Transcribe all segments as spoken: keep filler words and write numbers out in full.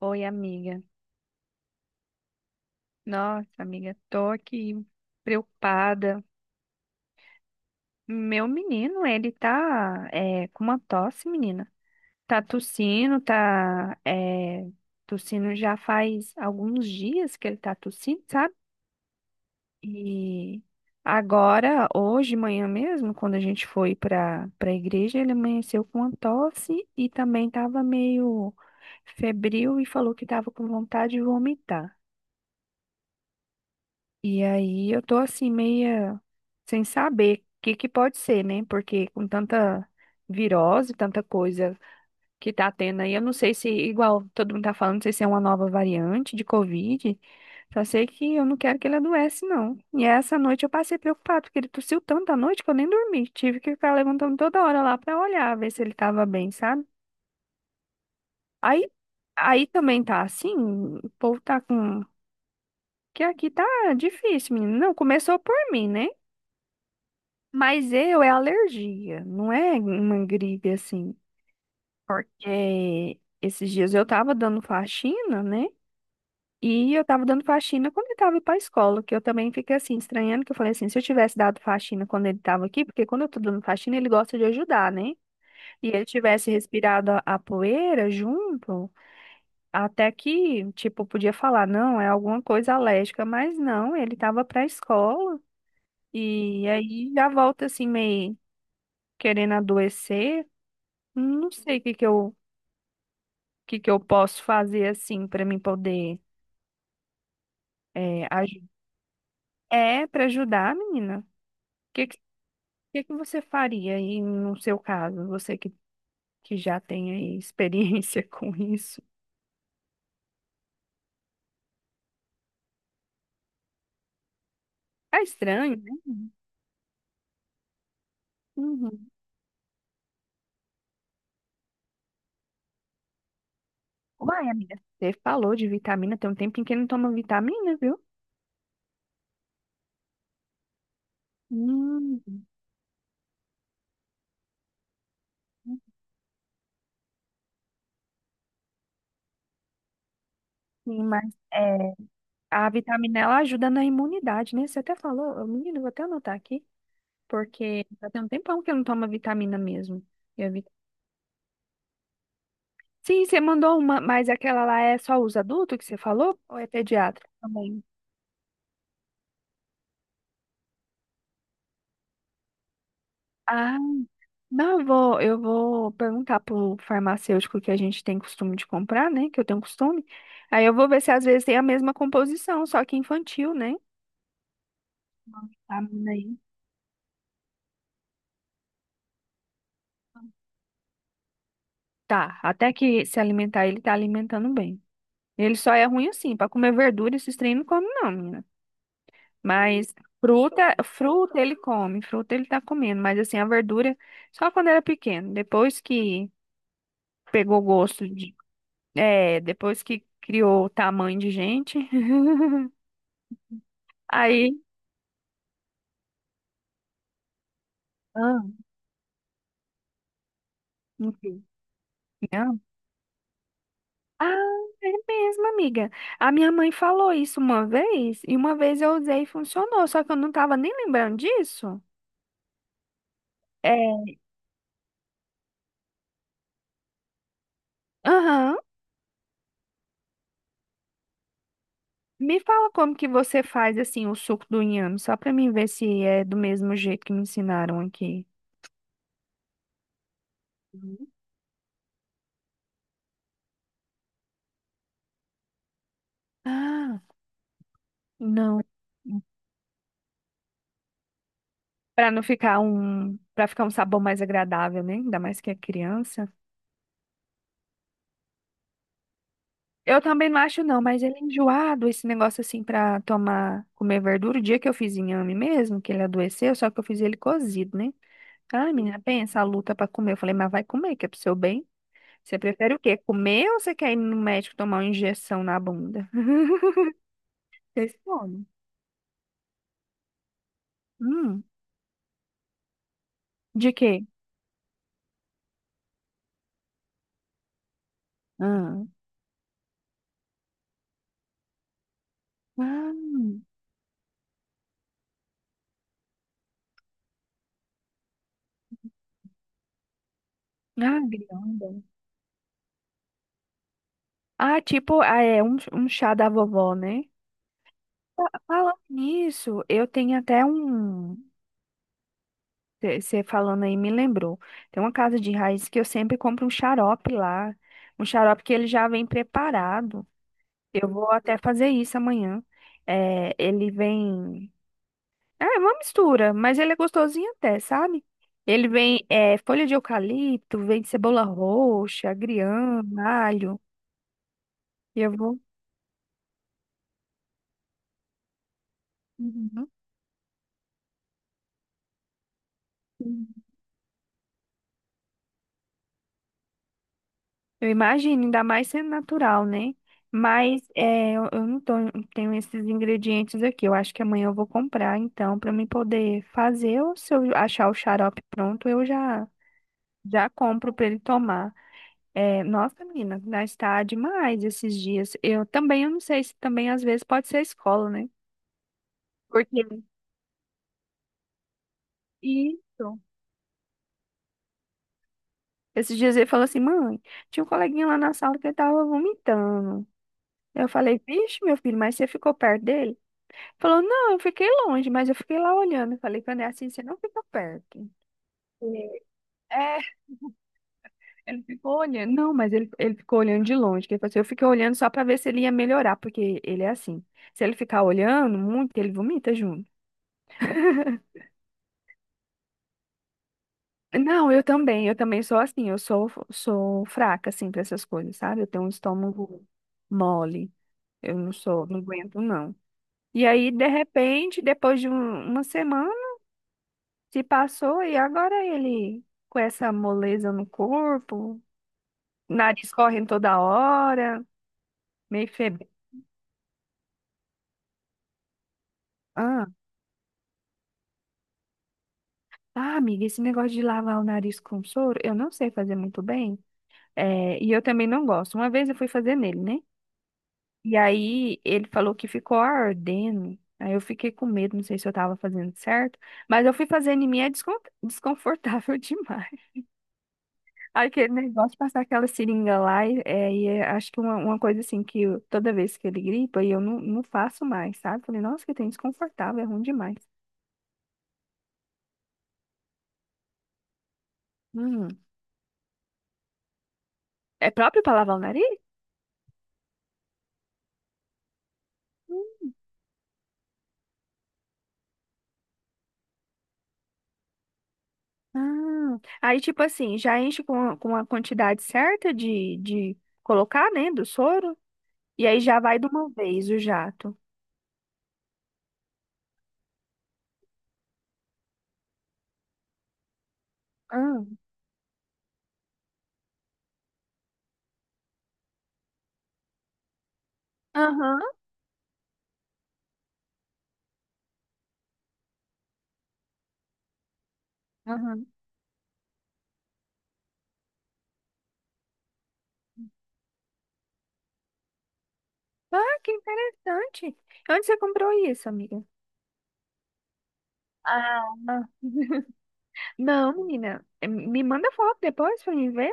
Oi, amiga. Nossa, amiga, tô aqui preocupada. Meu menino, ele tá é, com uma tosse, menina. Tá tossindo, tá é, tossindo já faz alguns dias que ele tá tossindo, sabe? E agora, hoje, de manhã mesmo, quando a gente foi para para a igreja, ele amanheceu com uma tosse e também tava meio febril e falou que tava com vontade de vomitar. E aí eu tô assim meia sem saber o que que pode ser, né? Porque com tanta virose, tanta coisa que tá tendo aí, eu não sei se, igual todo mundo tá falando, não sei se é uma nova variante de Covid. Só sei que eu não quero que ele adoece, não. E essa noite eu passei preocupado, porque ele tossiu tanto à noite que eu nem dormi. Tive que ficar levantando toda hora lá pra olhar, ver se ele tava bem, sabe? Aí, aí também tá assim, o povo tá com... Que aqui tá difícil, menino. Não, começou por mim, né? Mas eu é alergia, não é uma gripe assim. Porque esses dias eu tava dando faxina, né? E eu tava dando faxina quando ele tava pra escola, que eu também fiquei assim, estranhando, que eu falei assim, se eu tivesse dado faxina quando ele tava aqui, porque quando eu tô dando faxina, ele gosta de ajudar, né? E ele tivesse respirado a, a poeira junto, até que, tipo, podia falar, não, é alguma coisa alérgica, mas não, ele tava pra escola. E aí já volta assim, meio querendo adoecer. Não sei o que que eu, o que que eu posso fazer assim para mim poder é, ajudar. É, para ajudar, menina. O que, que, que que você faria aí no seu caso? Você que, que já tem aí experiência com isso. É estranho, né? Uhum. Uai, amiga, você falou de vitamina, tem um tempinho que não toma vitamina, viu? Hum, sim, mas é, a vitamina ela ajuda na imunidade, né? Você até falou, menino, vou até anotar aqui, porque já tem um tempão que eu não tomo vitamina mesmo. E a Sim, você mandou uma, mas aquela lá é só os adultos que você falou? Ou é pediatra também? Ah, não, eu vou, eu vou perguntar pro farmacêutico que a gente tem costume de comprar, né? Que eu tenho costume. Aí eu vou ver se às vezes tem a mesma composição, só que infantil, né? A menina aí. Tá, até que se alimentar, ele tá alimentando bem. Ele só é ruim assim, pra comer verdura, esses trem não come não, menina. Mas fruta, fruta ele come, fruta ele tá comendo, mas assim, a verdura só quando era pequeno. Depois que pegou gosto de. É, depois que criou o tamanho de gente. Aí. Ah, enfim. Não. Ah, é mesmo, amiga. A minha mãe falou isso uma vez, e uma vez eu usei e funcionou, só que eu não tava nem lembrando disso. É. Aham. Me fala como que você faz assim o suco do inhame, só pra mim ver se é do mesmo jeito que me ensinaram aqui. Uhum. Ah, não. Pra não ficar um, para ficar um sabor mais agradável, né? Ainda mais que é criança. Eu também não acho não, mas ele é enjoado esse negócio assim pra tomar, comer verdura. O dia que eu fiz inhame mesmo, que ele adoeceu, só que eu fiz ele cozido, né? Ai, menina, pensa a luta pra comer. Eu falei, mas vai comer, que é pro seu bem. Você prefere o quê? Comer ou você quer ir no médico tomar uma injeção na bunda? Você escolhe. Hum, de quê? Ah, ah, ah, guirlanda. Ah, tipo, ah, é um, um chá da vovó, né? Falando nisso, eu tenho até um. Você falando aí me lembrou. Tem uma casa de raiz que eu sempre compro um xarope lá. Um xarope que ele já vem preparado. Eu vou até fazer isso amanhã. É, ele vem. É uma mistura, mas ele é gostosinho até, sabe? Ele vem é, folha de eucalipto, vem cebola roxa, agrião, alho. E eu vou. Uhum. Eu imagino, ainda mais sendo natural, né? Mas é, eu, eu não tô- não tenho esses ingredientes aqui. Eu acho que amanhã eu vou comprar, então, para mim poder fazer. Ou se eu achar o xarope pronto, eu já já compro para ele tomar. É, nossa, menina, mas está demais esses dias. Eu também, eu não sei se também às vezes pode ser a escola, né? Porque isso. Esses dias ele falou assim, mãe, tinha um coleguinha lá na sala que ele tava vomitando. Eu falei, vixe, meu filho, mas você ficou perto dele? Falou, não, eu fiquei longe, mas eu fiquei lá olhando. Eu Falei, quando é assim, você não fica perto. É, ele ficou olhando. Não, mas ele, ele ficou olhando de longe. Que ele falou assim, eu fiquei olhando só pra ver se ele ia melhorar, porque ele é assim. Se ele ficar olhando muito, ele vomita junto. Não, eu também, eu também sou assim, eu sou, sou fraca, assim, pra essas coisas, sabe? Eu tenho um estômago mole, eu não sou, não aguento, não. E aí, de repente, depois de um- uma semana, Se passou e agora ele com essa moleza no corpo, nariz correndo toda hora, meio febre. Ah, ah, amiga, esse negócio de lavar o nariz com soro, eu não sei fazer muito bem. É, e eu também não gosto. Uma vez eu fui fazer nele, né? E aí ele falou que ficou ardendo. Aí eu fiquei com medo, não sei se eu tava fazendo certo, mas eu fui fazendo em mim é descon- desconfortável demais. Aquele negócio de passar aquela seringa lá, e, é, e é, acho que uma, uma coisa assim que eu- toda vez que ele gripa, e eu não, não faço mais, sabe? Falei, nossa, que tem desconfortável, é ruim demais. Hum. É próprio pra lavar o nariz? Ah, aí, tipo assim, já enche com, com a quantidade certa de, de colocar, né, do soro, e aí já vai de uma vez o jato. Ah, Aham, aham. Ah, que interessante. Onde você comprou isso, amiga? Ah, ah. não, menina, eh, me manda foto depois pra mim ver.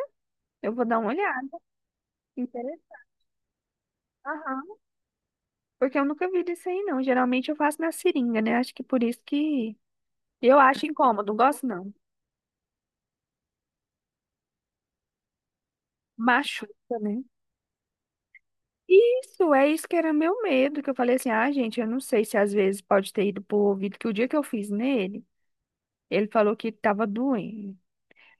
Eu vou dar uma olhada. Interessante. Aham. Porque eu nunca vi disso aí, não. Geralmente eu faço na seringa, né? Acho que por isso que eu acho incômodo, não gosto não. Machuca, né? Isso, é isso que era meu medo, que eu falei assim, ah, gente, eu não sei se às vezes pode ter ido pro ouvido, que o dia que eu fiz nele, ele falou que tava doendo.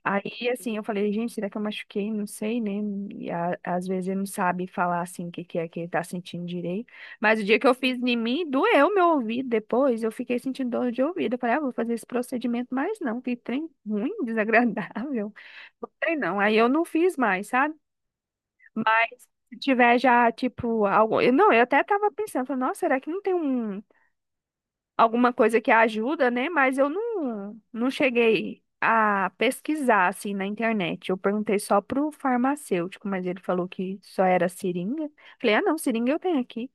Aí, assim, eu falei, gente, será que eu machuquei? Não sei, né? E a- às vezes ele não sabe falar, assim, o que, que é que ele tá sentindo direito. Mas o dia que eu fiz em mim, doeu meu ouvido depois. Eu fiquei sentindo dor de ouvido. Eu falei, ah, vou fazer esse procedimento mais não. Que trem ruim, desagradável. Não sei não. Aí eu não fiz mais, sabe? Mas se tiver já, tipo, algo... eu- Não, eu até tava pensando, falei, nossa, será que não tem um alguma coisa que ajuda, né? Mas eu não, não cheguei a pesquisar assim na internet. Eu perguntei só pro farmacêutico, mas ele falou que só era seringa. Falei, ah, não, seringa eu tenho aqui.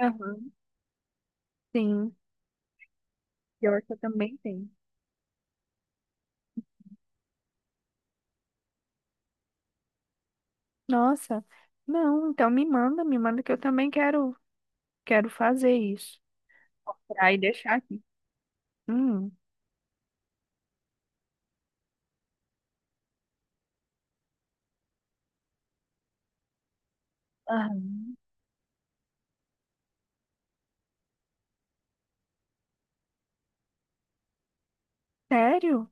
Aham. Sim, pior que eu também tenho. Nossa, não, então me manda, me manda que eu também quero, quero fazer isso. Comprar e deixar aqui. Hum, Aham. Sério?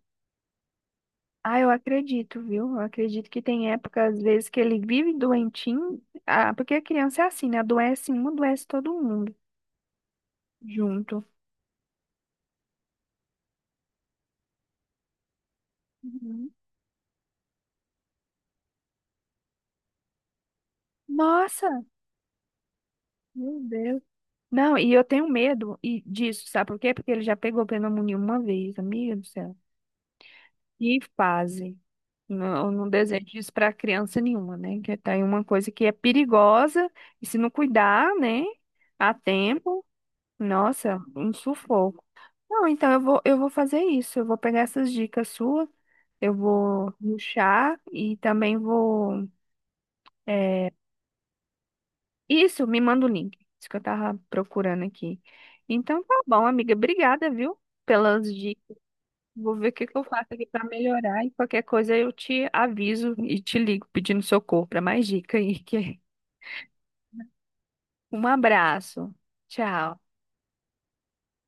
Ah, eu acredito, viu? Eu acredito que tem épocas, às vezes, que ele vive doentinho. Ah, porque a criança é assim, né? Adoece um, adoece todo mundo junto. Uhum. Nossa, meu Deus. Não, e eu tenho medo e disso, sabe por quê? Porque ele já pegou pneumonia uma vez, amiga do céu. Que fase. Não, eu não desejo isso para criança nenhuma, né? Que tá aí uma coisa que é perigosa e se não cuidar, né, a tempo, nossa, um sufoco. Não, então eu vou, eu vou fazer isso. Eu vou pegar essas dicas suas, eu vou ruxar e também vou. É, Isso, me manda o link. Isso que eu tava procurando aqui. Então tá bom, amiga. Obrigada, viu, pelas dicas. Vou ver o que que eu faço aqui pra melhorar e qualquer coisa eu te aviso e te ligo pedindo socorro para mais dica aí. que- é, Um abraço. Tchau.